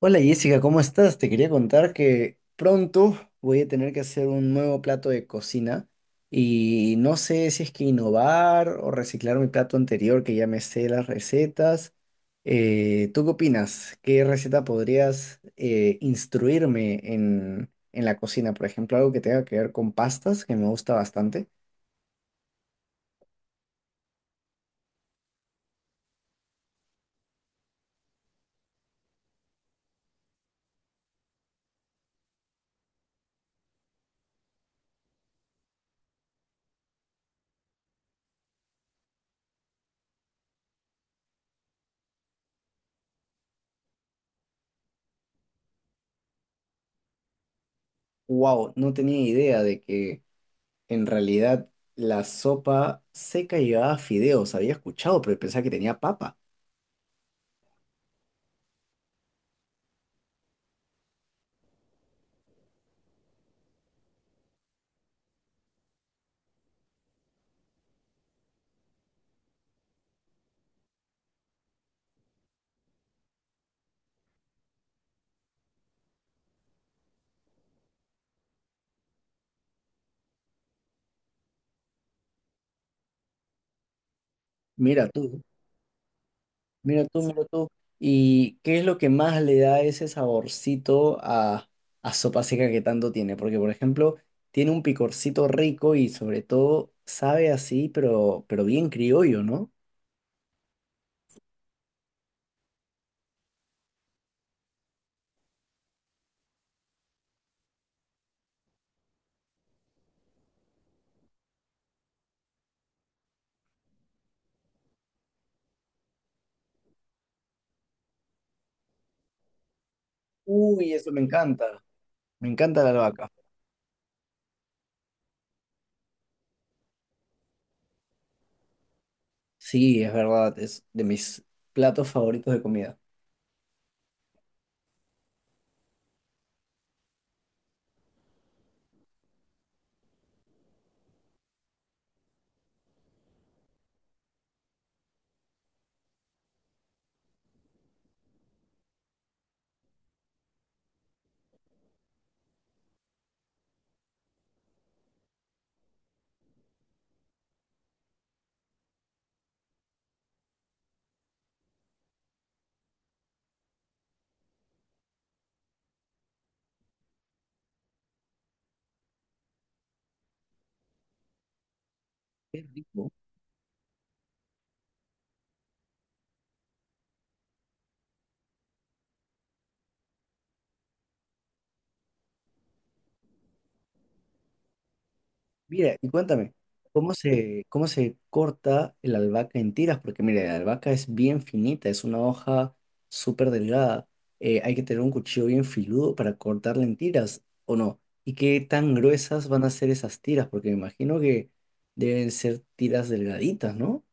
Hola Jessica, ¿cómo estás? Te quería contar que pronto voy a tener que hacer un nuevo plato de cocina y no sé si es que innovar o reciclar mi plato anterior que ya me sé las recetas. ¿tú qué opinas? ¿Qué receta podrías instruirme en la cocina? Por ejemplo, algo que tenga que ver con pastas, que me gusta bastante. Wow, no tenía idea de que en realidad la sopa seca llevaba fideos. Había escuchado, pero pensaba que tenía papa. Mira tú, mira tú, mira tú. ¿Y qué es lo que más le da ese saborcito a sopa seca que tanto tiene? Porque, por ejemplo, tiene un picorcito rico y sobre todo sabe así, pero bien criollo, ¿no? Uy, eso me encanta. Me encanta la albahaca. Sí, es verdad, es de mis platos favoritos de comida. Qué rico. Mira, y cuéntame, cómo se corta el albahaca en tiras? Porque mira, la albahaca es bien finita, es una hoja súper delgada. Hay que tener un cuchillo bien filudo para cortarla en tiras, ¿o no? ¿Y qué tan gruesas van a ser esas tiras? Porque me imagino que deben ser tiras delgaditas, ¿no?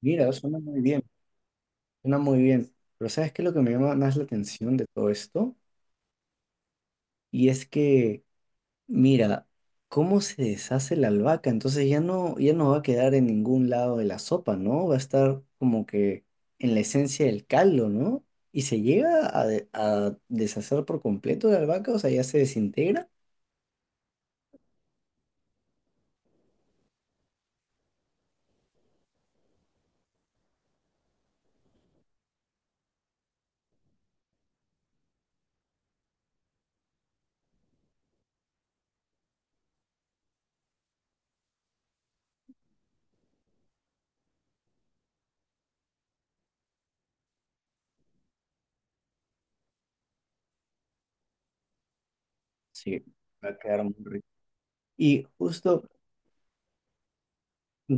Mira, suena muy bien, suena muy bien. Pero ¿sabes qué es lo que me llama más la atención de todo esto? Y es que mira, cómo se deshace la albahaca, entonces ya no, ya no va a quedar en ningún lado de la sopa, ¿no? Va a estar como que en la esencia del caldo, ¿no? ¿Y se llega a, de- a deshacer por completo la albahaca? O sea, ya se desintegra. Sí, va a quedar muy rico. Y justo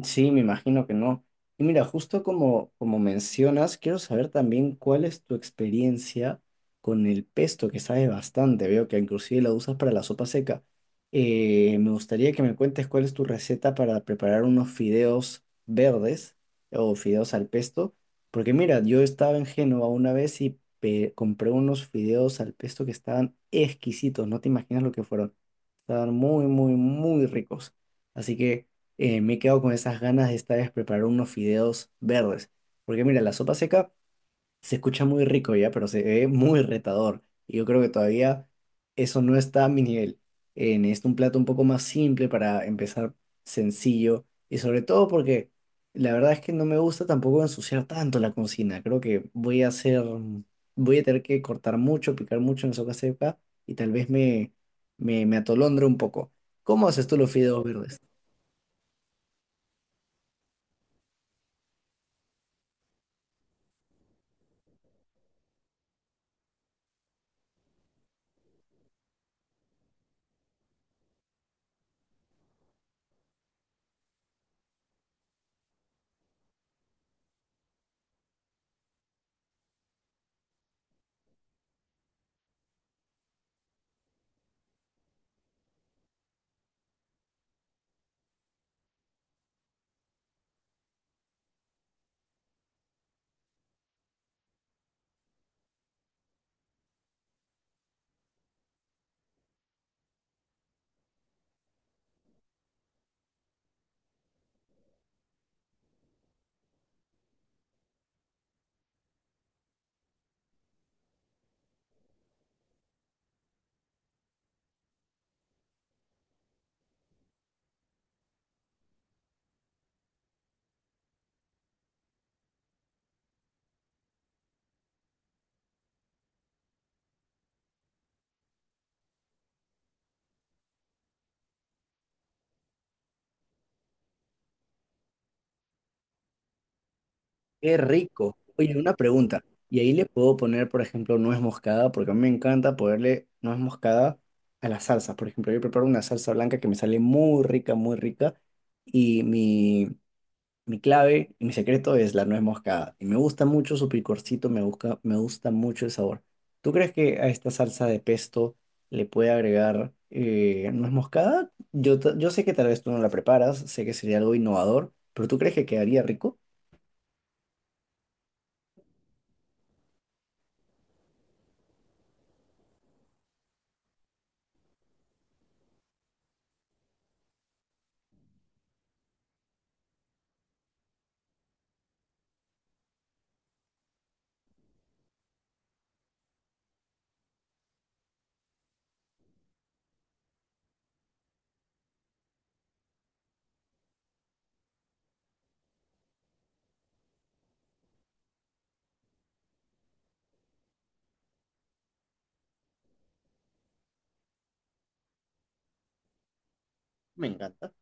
sí, me imagino que no. Y mira, justo como, como mencionas, quiero saber también cuál es tu experiencia con el pesto, que sabe bastante. Veo que inclusive lo usas para la sopa seca. Me gustaría que me cuentes cuál es tu receta para preparar unos fideos verdes o fideos al pesto. Porque mira, yo estaba en Génova una vez y pe- compré unos fideos al pesto que estaban exquisitos. No te imaginas lo que fueron. Estaban muy, muy, muy ricos. Así que me he quedado con esas ganas de esta vez preparar unos fideos verdes. Porque mira, la sopa seca se escucha muy rico ya, pero se ve muy retador. Y yo creo que todavía eso no está a mi nivel. Necesito un plato un poco más simple para empezar sencillo. Y sobre todo porque la verdad es que no me gusta tampoco ensuciar tanto la cocina. Creo que voy a hacer, voy a tener que cortar mucho, picar mucho en sopa seca y tal vez me atolondre un poco. ¿Cómo haces tú los fideos verdes? Qué rico. Oye, una pregunta. Y ahí le puedo poner, por ejemplo, nuez moscada, porque a mí me encanta ponerle nuez moscada a las salsas. Por ejemplo, yo preparo una salsa blanca que me sale muy rica, muy rica. Y mi clave y mi secreto es la nuez moscada. Y me gusta mucho su picorcito, me gusta mucho el sabor. ¿Tú crees que a esta salsa de pesto le puede agregar nuez moscada? Yo, ta- yo sé que tal vez tú no la preparas, sé que sería algo innovador, pero ¿tú crees que quedaría rico? Me encanta.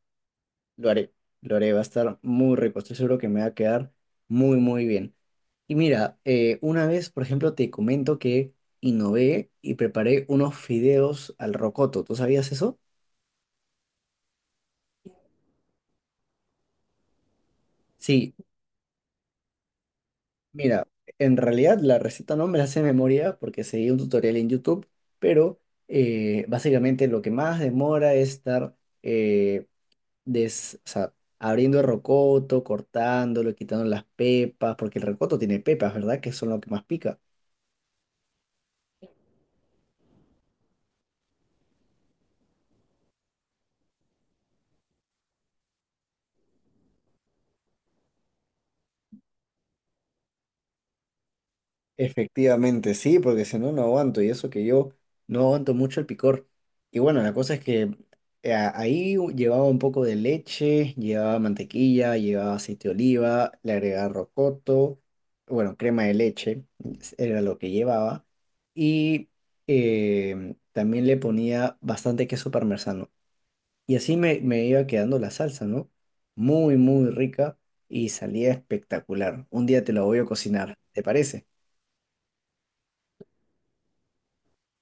Lo haré, lo haré, va a estar muy rico, estoy seguro que me va a quedar muy, muy bien. Y mira, una vez, por ejemplo, te comento que innové y preparé unos fideos al rocoto, ¿tú sabías eso? Sí, mira, en realidad la receta no me la sé de memoria porque seguí un tutorial en YouTube, pero básicamente lo que más demora es estar eh, des- o sea, abriendo el rocoto, cortándolo, quitando las pepas, porque el rocoto tiene pepas, ¿verdad? Que son lo que más pica. Efectivamente, sí, porque si no, no aguanto. Y eso que yo no aguanto mucho el picor. Y bueno, la cosa es que ahí llevaba un poco de leche, llevaba mantequilla, llevaba aceite de oliva, le agregaba rocoto, bueno, crema de leche, era lo que llevaba. Y también le ponía bastante queso parmesano. Y así me, me iba quedando la salsa, ¿no? Muy, muy rica y salía espectacular. Un día te lo voy a cocinar, ¿te parece?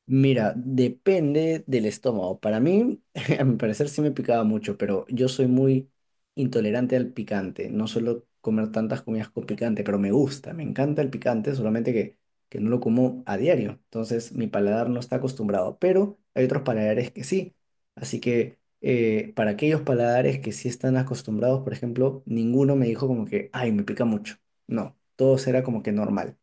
Mira, depende del estómago. Para mí, a mi parecer sí me picaba mucho, pero yo soy muy intolerante al picante. No suelo comer tantas comidas con picante, pero me gusta, me encanta el picante, solamente que no lo como a diario. Entonces mi paladar no está acostumbrado, pero hay otros paladares que sí. Así que para aquellos paladares que sí están acostumbrados, por ejemplo, ninguno me dijo como que, ay, me pica mucho. No, todo era como que normal.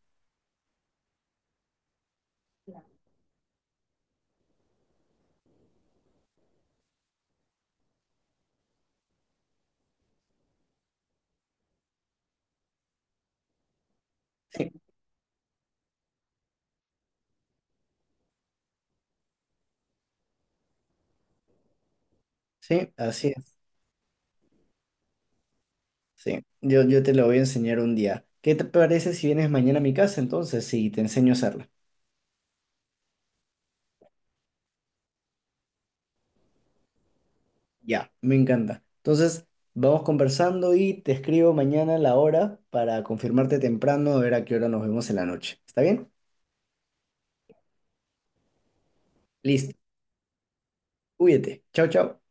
Sí, sí, así es. Sí, yo te lo voy a enseñar un día. ¿Qué te parece si vienes mañana a mi casa entonces? Sí, te enseño a hacerla. Ya, me encanta. Entonces, vamos conversando y te escribo mañana la hora para confirmarte temprano, a ver a qué hora nos vemos en la noche. ¿Está bien? Listo. Cuídate. Chao, chao.